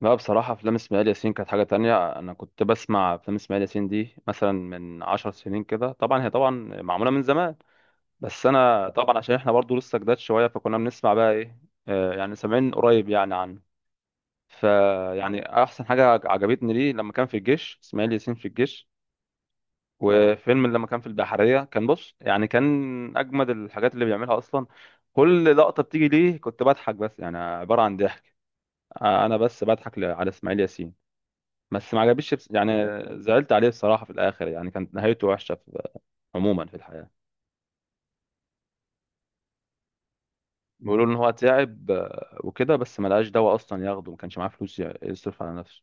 لا بصراحة، أفلام إسماعيل ياسين كانت حاجة تانية. أنا كنت بسمع أفلام إسماعيل ياسين دي مثلا من 10 سنين كده، طبعا هي طبعا معمولة من زمان. بس أنا طبعا عشان إحنا برضو لسه جداد شوية، فكنا بنسمع بقى إيه، يعني سامعين قريب يعني عنه. فيعني أحسن حاجة عجبتني ليه لما كان في الجيش، إسماعيل ياسين في الجيش. وفيلم لما كان في البحرية، كان بص يعني كان أجمد الحاجات اللي بيعملها أصلا. كل لقطة بتيجي ليه كنت بضحك، بس يعني عبارة عن ضحك. أنا بس بضحك على إسماعيل ياسين. بس ما عجبنيش، يعني زعلت عليه بصراحة في الآخر، يعني كانت نهايته وحشة عموما في الحياة. بيقولوا إن هو تعب، وكده، بس ما لقاش دواء أصلا ياخده، ما كانش معاه فلوس يصرف على نفسه.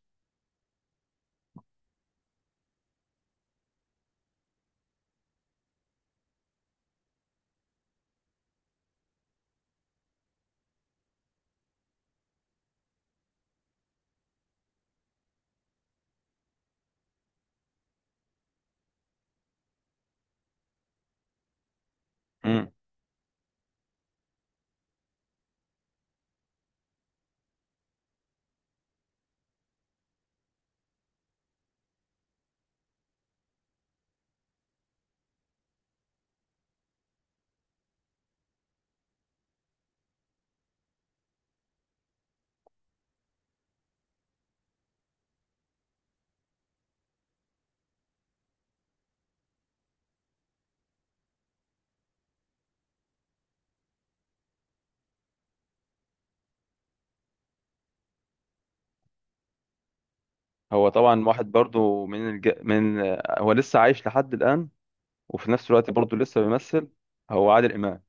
مم. هو طبعا واحد برضو من الج... من آه، هو لسه عايش لحد الآن، وفي نفس الوقت برضو لسه بيمثل. هو عادل إمام.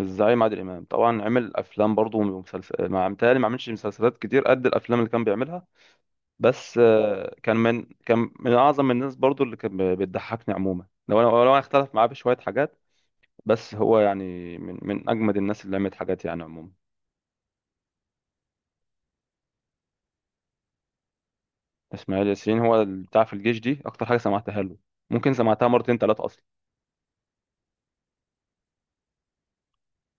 الزعيم عادل إمام طبعا عمل أفلام برضو ومسلسل، ما متهيألي ما عملش مسلسلات كتير قد الأفلام اللي كان بيعملها. بس كان من اعظم الناس برضو اللي كان بتضحكني عموما، لو انا اختلف معاه بشويه حاجات. بس هو يعني من اجمد الناس اللي عملت حاجات يعني عموما. اسماعيل ياسين، هو اللي بتاع في الجيش دي اكتر حاجه سمعتها له. ممكن سمعتها مرتين ثلاثه اصلا.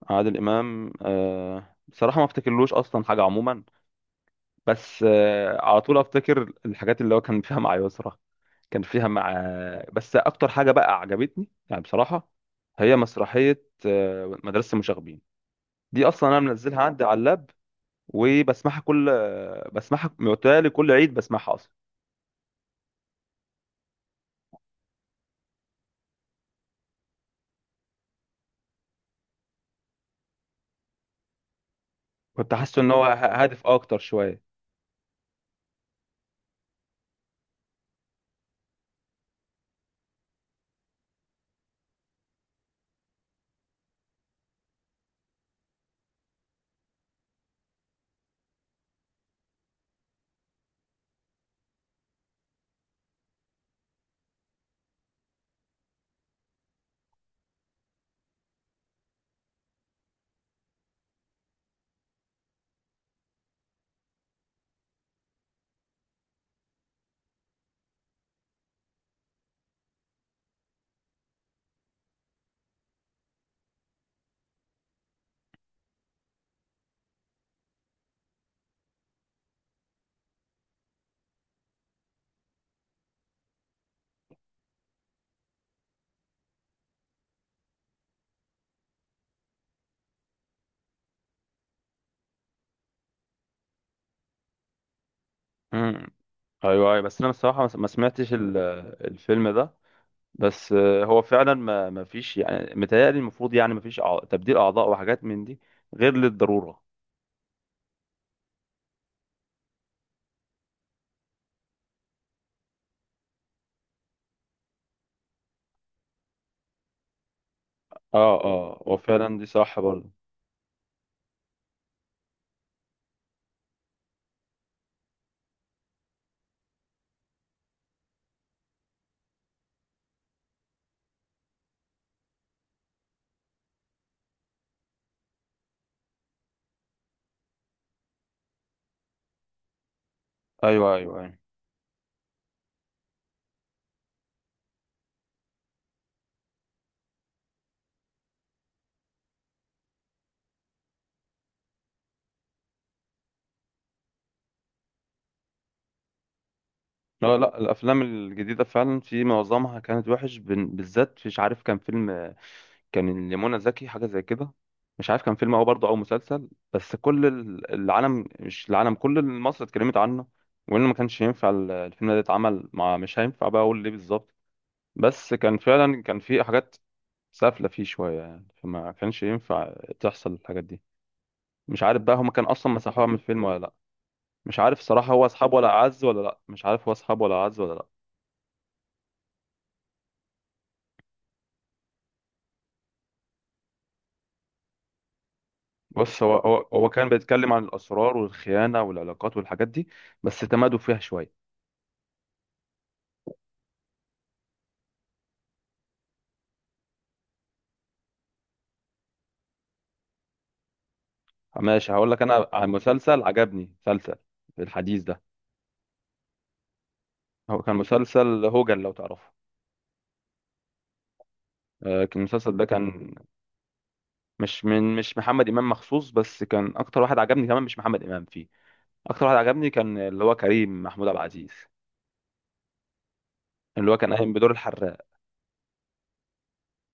عادل امام، آه بصراحه ما افتكرلوش اصلا حاجه عموما. بس على طول افتكر الحاجات اللي هو كان فيها مع يسرا. كان فيها مع. بس اكتر حاجه بقى عجبتني يعني بصراحه، هي مسرحيه مدرسه المشاغبين. دي اصلا انا منزلها عندي على اللاب. وبسمعها كل بسمعها متهيألي كل عيد، بسمعها اصلا. كنت حاسس ان هو هادف اكتر شويه. امم. ايوه ايوه، بس انا بصراحه ما سمعتش الفيلم ده. بس هو فعلا ما فيش يعني متهيألي، المفروض يعني ما فيش تبديل اعضاء وحاجات من دي، غير للضروره. اه اه، هو فعلا دي صح برضه. ايوه ايوه ايوه. لا لا، الافلام الجديده فعلا في معظمها كانت وحش بالذات. مش عارف، كان فيلم كان لمنى زكي حاجه زي كده. مش عارف كان فيلم او برضه او مسلسل، بس كل العالم، مش العالم، كل مصر اتكلمت عنه. وانه ما كانش ينفع الفيلم ده يتعمل مع، مش هينفع بقى اقول ليه بالظبط. بس كان فعلا كان في حاجات سافله فيه شويه يعني، فما كانش ينفع تحصل الحاجات دي. مش عارف بقى هما كان اصلا مسحوها من الفيلم ولا لا. مش عارف صراحه، هو اصحاب ولا اعز ولا لا، مش عارف هو اصحاب ولا اعز ولا لا. بص هو كان بيتكلم عن الاسرار والخيانه والعلاقات والحاجات دي. بس تمادوا فيها شويه. ماشي، هقول لك انا عن مسلسل عجبني، مسلسل في الحديث ده. هو كان مسلسل هوجن، لو تعرفه. كان المسلسل ده كان. مش محمد امام مخصوص، بس كان اكتر واحد عجبني كمان مش محمد امام فيه. اكتر واحد عجبني كان اللي هو كريم محمود عبد العزيز، اللي هو كان قايم بدور الحراق.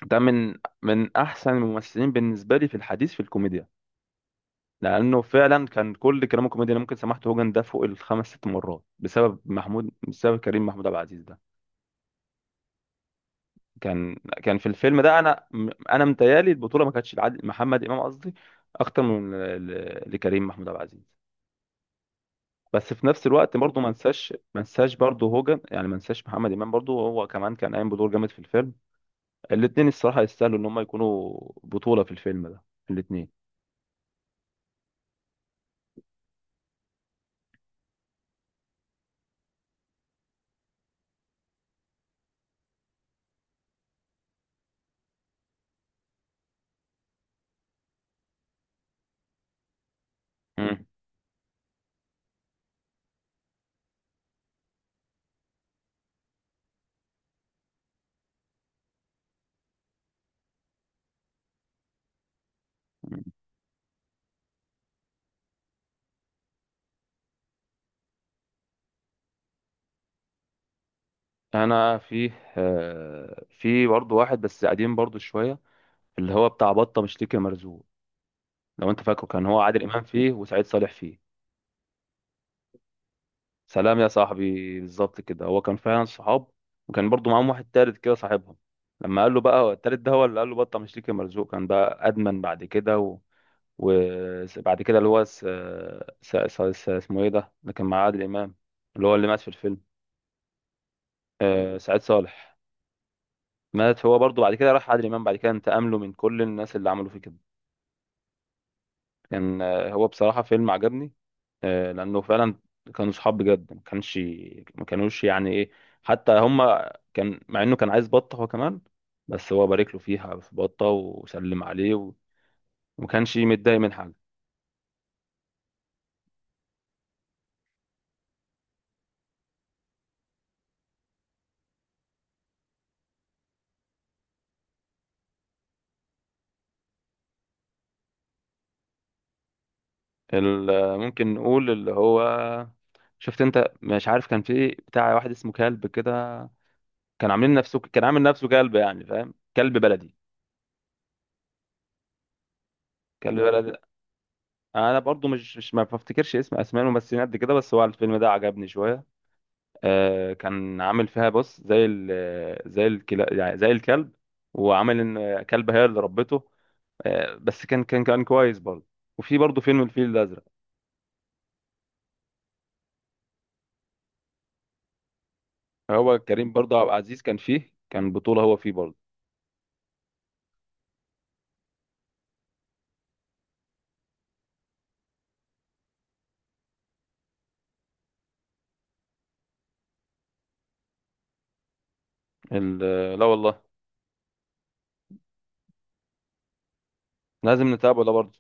ده من احسن الممثلين بالنسبه لي في الحديث في الكوميديا. لانه فعلا كان كل كلامه كوميدي، انا ممكن سمعت هوجن ده فوق الخمس ست مرات بسبب محمود، بسبب كريم محمود عبد العزيز ده. كان كان في الفيلم ده انا. انا متهيألي البطوله ما كانتش لعادل، محمد امام قصدي، اكتر من لكريم محمود عبد العزيز. بس في نفس الوقت برضه ما انساش برضه هوجن، يعني ما انساش محمد امام برضه، هو كمان كان قايم بدور جامد في الفيلم. الاثنين الصراحه يستاهلوا ان هم يكونوا بطوله في الفيلم ده، الاثنين. مم. انا في في برضه واحد بس قديم برضه شويه، اللي هو بتاع بطة مشتكي مرزوق. لو انت فاكره، كان هو عادل امام فيه وسعيد صالح فيه. سلام يا صاحبي، بالظبط كده، هو كان فعلا صحاب. وكان برضو معاهم واحد تالت كده صاحبهم. لما قال له بقى، هو التالت ده هو اللي قال له بطة مشتكي مرزوق، كان بقى ادمن بعد كده. و... وبعد كده اللي هو اسمه ايه ده اللي كان مع عادل امام، اللي هو اللي مات في الفيلم. سعيد صالح. مات هو برضو بعد كده، راح عادل امام بعد كده انتقم له من كل الناس اللي عملوا فيه كده. كان هو بصراحة فيلم عجبني. لأنه فعلا كانوا صحاب بجد، ما كانش ما كانوش يعني إيه. حتى هما كان مع إنه كان عايز بطة هو كمان، بس هو بارك له فيها في بطة وسلم عليه، وما كانش متضايق من حاجة. ممكن نقول اللي هو شفت أنت، مش عارف كان في بتاع واحد اسمه كلب كده. كان عامل نفسه كلب، يعني فاهم، كلب بلدي. كلب بلدي. انا برضو مش مش ما بفتكرش اسمائهم بس قد كده، بس هو الفيلم ده عجبني شوية. كان عامل فيها بص زي زي الكلا، يعني زي الكلب. وعامل ان كلبة هي اللي ربته. بس كان كويس برضه. وفي برضه فيلم الفيل الازرق. هو كريم برضه عبد العزيز كان فيه، كان بطولة هو فيه برضه. لا والله. لازم نتابعه ده برضه.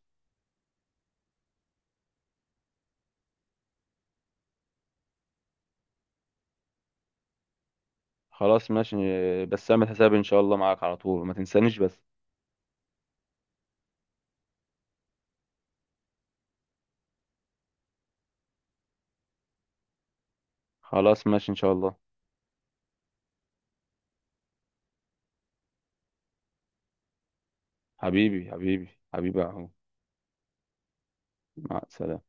خلاص ماشي. بس اعمل حسابي ان شاء الله معاك على طول، ما تنسانيش بس. خلاص ماشي ان شاء الله. حبيبي حبيبي، حبيبي اهو. مع السلامة.